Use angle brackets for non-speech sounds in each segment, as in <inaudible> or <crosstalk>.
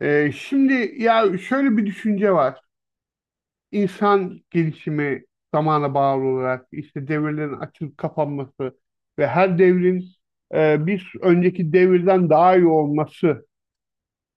Şimdi ya şöyle bir düşünce var. İnsan gelişimi zamana bağlı olarak işte devirlerin açılıp kapanması ve her devrin bir önceki devirden daha iyi olması.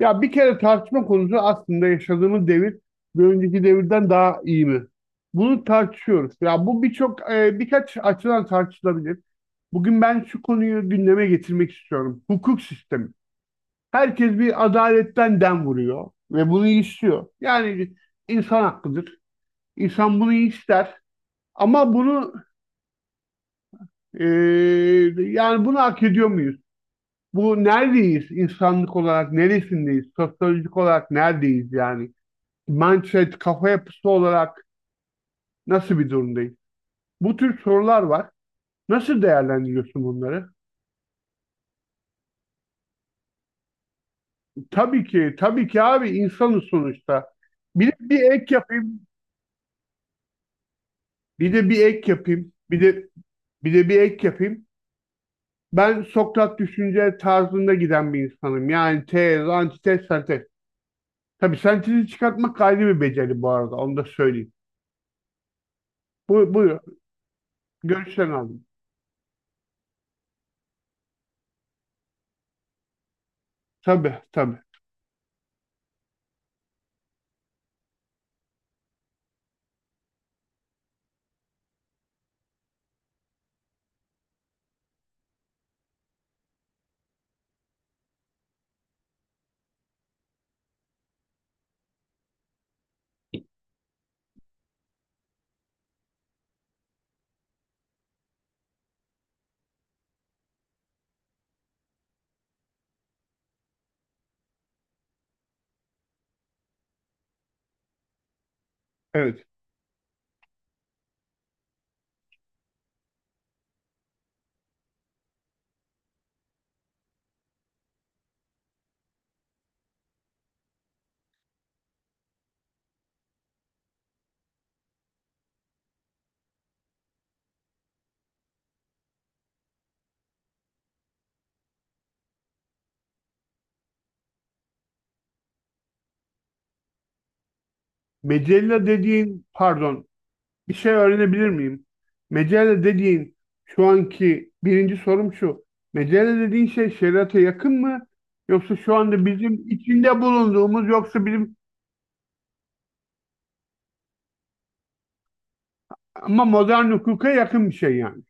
Ya bir kere tartışma konusu aslında yaşadığımız devir bir önceki devirden daha iyi mi? Bunu tartışıyoruz. Ya bu birçok birkaç açıdan tartışılabilir. Bugün ben şu konuyu gündeme getirmek istiyorum. Hukuk sistemi. Herkes bir adaletten dem vuruyor ve bunu istiyor. Yani insan hakkıdır. İnsan bunu ister. Ama bunu e, yani bunu hak ediyor muyuz? Bu neredeyiz? İnsanlık olarak neresindeyiz? Sosyolojik olarak neredeyiz yani? Mindset, kafa yapısı olarak nasıl bir durumdayız? Bu tür sorular var. Nasıl değerlendiriyorsun bunları? Tabii ki, tabii ki abi insanız sonuçta. Bir de bir ek yapayım. Bir de bir ek yapayım. Bir de bir ek yapayım. Ben Sokrat düşünce tarzında giden bir insanım. Yani tez, antitez, sentez. Tabii sentezi çıkartmak ayrı bir beceri bu arada. Onu da söyleyeyim. Bu, buyur. Görüşlerini aldım. Tabii, tabii. Evet. Mecella dediğin, pardon, bir şey öğrenebilir miyim? Mecella dediğin şu anki birinci sorum şu. Mecella dediğin şey şeriata yakın mı? Yoksa şu anda bizim içinde bulunduğumuz, yoksa bizim ama modern hukuka yakın bir şey yani.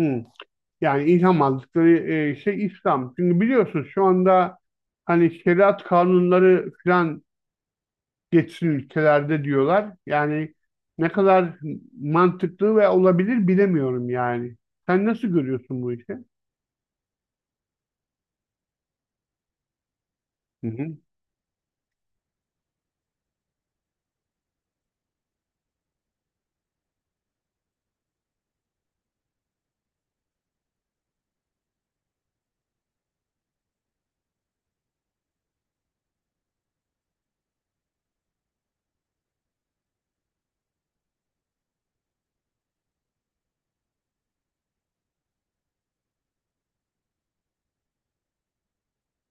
Hı. Yani ilham aldıkları şey İslam. Çünkü biliyorsunuz şu anda hani şeriat kanunları falan geçsin ülkelerde diyorlar. Yani ne kadar mantıklı ve olabilir bilemiyorum yani. Sen nasıl görüyorsun bu işi? Hı hı.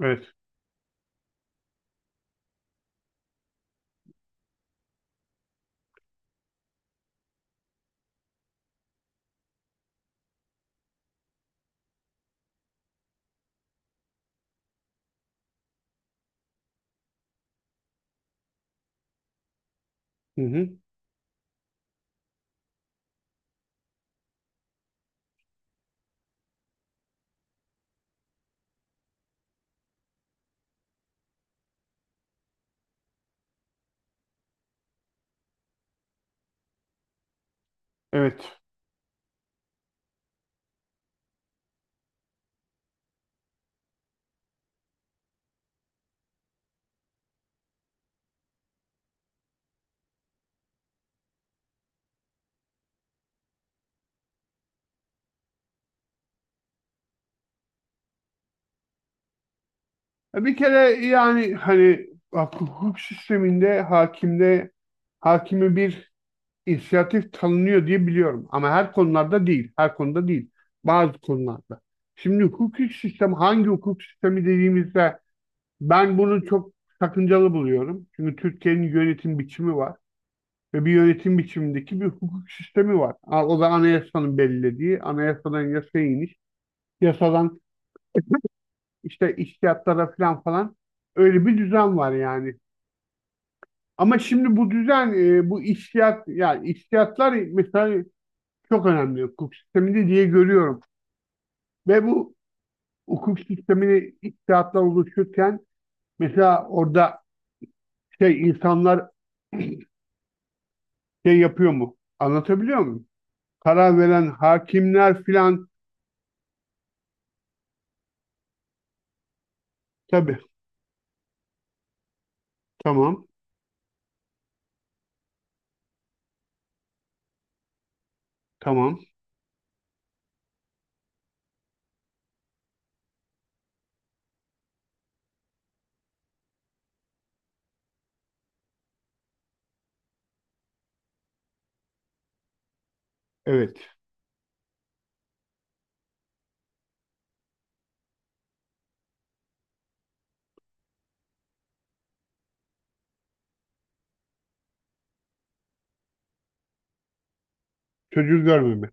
Evet. Hı hı. Evet. Bir kere yani hani hukuk sisteminde hakimde hakimi bir inisiyatif tanınıyor diye biliyorum. Ama her konularda değil. Her konuda değil. Bazı konularda. Şimdi hukuki sistem hangi hukuk sistemi dediğimizde ben bunu çok sakıncalı buluyorum. Çünkü Türkiye'nin yönetim biçimi var. Ve bir yönetim biçimindeki bir hukuk sistemi var. O da anayasanın belirlediği, anayasadan yasaya iniş, yasadan <laughs> işte içtihatlara falan falan, öyle bir düzen var yani. Ama şimdi bu düzen, bu içtihat, yani içtihatlar mesela çok önemli hukuk sisteminde diye görüyorum. Ve bu hukuk sistemini içtihatlar oluşurken mesela orada şey insanlar <clears throat> şey yapıyor mu? Anlatabiliyor muyum? Karar veren hakimler filan tabii. Tamam. Tamam. Evet. Çocuğu görmeme.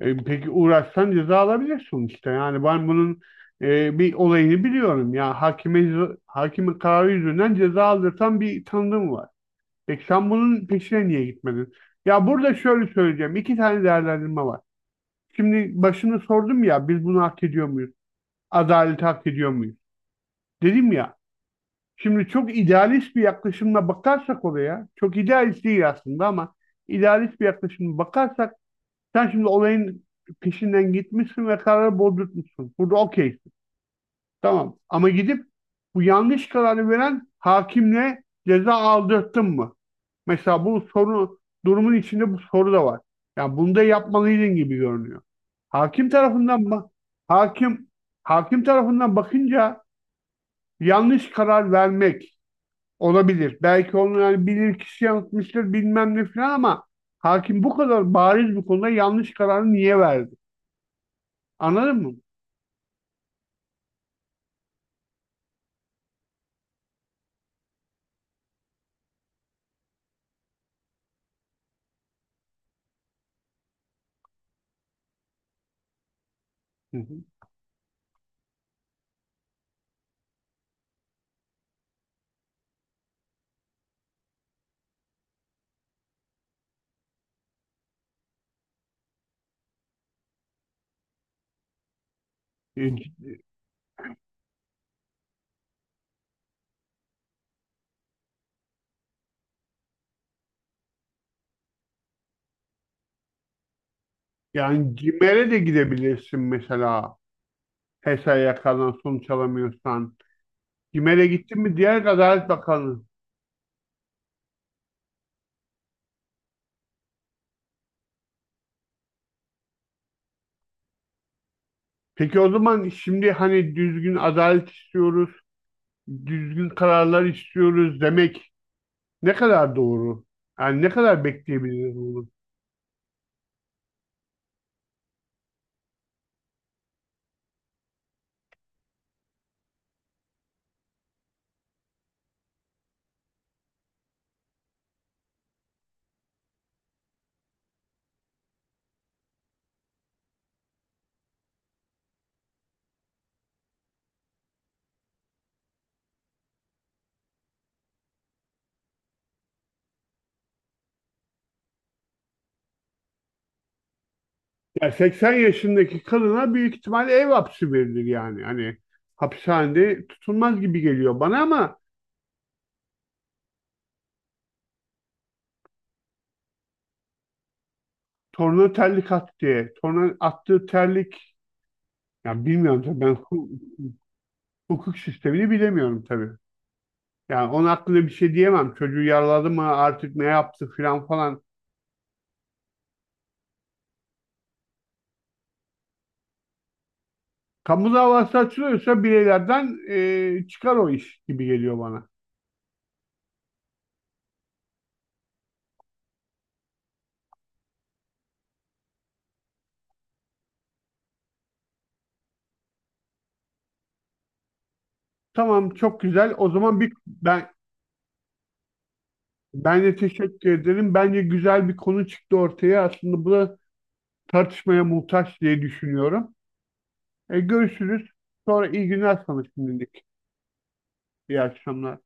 E, peki uğraşsan ceza alabilir sonuçta. Yani ben bunun bir olayını biliyorum. Ya hakime hakime kararı yüzünden ceza aldırtan bir tanıdığım var. Peki sen bunun peşine niye gitmedin? Ya burada şöyle söyleyeceğim. İki tane değerlendirme var. Şimdi başını sordum ya, biz bunu hak ediyor muyuz? Adaleti hak ediyor muyuz? Dedim ya. Şimdi çok idealist bir yaklaşımla bakarsak olaya, çok idealist değil aslında ama idealist bir yaklaşımla bakarsak sen şimdi olayın peşinden gitmişsin ve kararı bozdurtmuşsun. Burada okeysin. Tamam. Ama gidip bu yanlış kararı veren hakimle ceza aldırttın mı? Mesela bu soru, durumun içinde bu soru da var. Yani bunu da yapmalıydın gibi görünüyor. Hakim tarafından bak, hakim hakim tarafından bakınca yanlış karar vermek olabilir. Belki onu yani bilir kişi yanıltmıştır bilmem ne falan ama hakim bu kadar bariz bir konuda yanlış kararı niye verdi? Anladın mı? Hı hı. E, c- Yani CİMER'e de gidebilirsin mesela. HES'e yakalan sonuç alamıyorsan. CİMER'e gittin mi diğer Adalet Bakanı? Peki o zaman şimdi hani düzgün adalet istiyoruz, düzgün kararlar istiyoruz demek ne kadar doğru? Yani ne kadar bekleyebiliriz bunu? Ya 80 yaşındaki kadına büyük ihtimal ev hapsi verilir yani. Hani hapishanede tutulmaz gibi geliyor bana ama torna terlik attı diye. Torna attığı terlik, ya bilmiyorum tabii ben hukuk sistemini bilemiyorum tabii. Yani onun hakkında bir şey diyemem. Çocuğu yaraladı mı artık, ne yaptı filan falan. Kamu davası açılıyorsa bireylerden çıkar o iş gibi geliyor bana. Tamam çok güzel. O zaman bir ben, ben de teşekkür ederim. Bence güzel bir konu çıktı ortaya. Aslında bu da tartışmaya muhtaç diye düşünüyorum. Görüşürüz. Sonra iyi günler sana şimdilik. İyi akşamlar.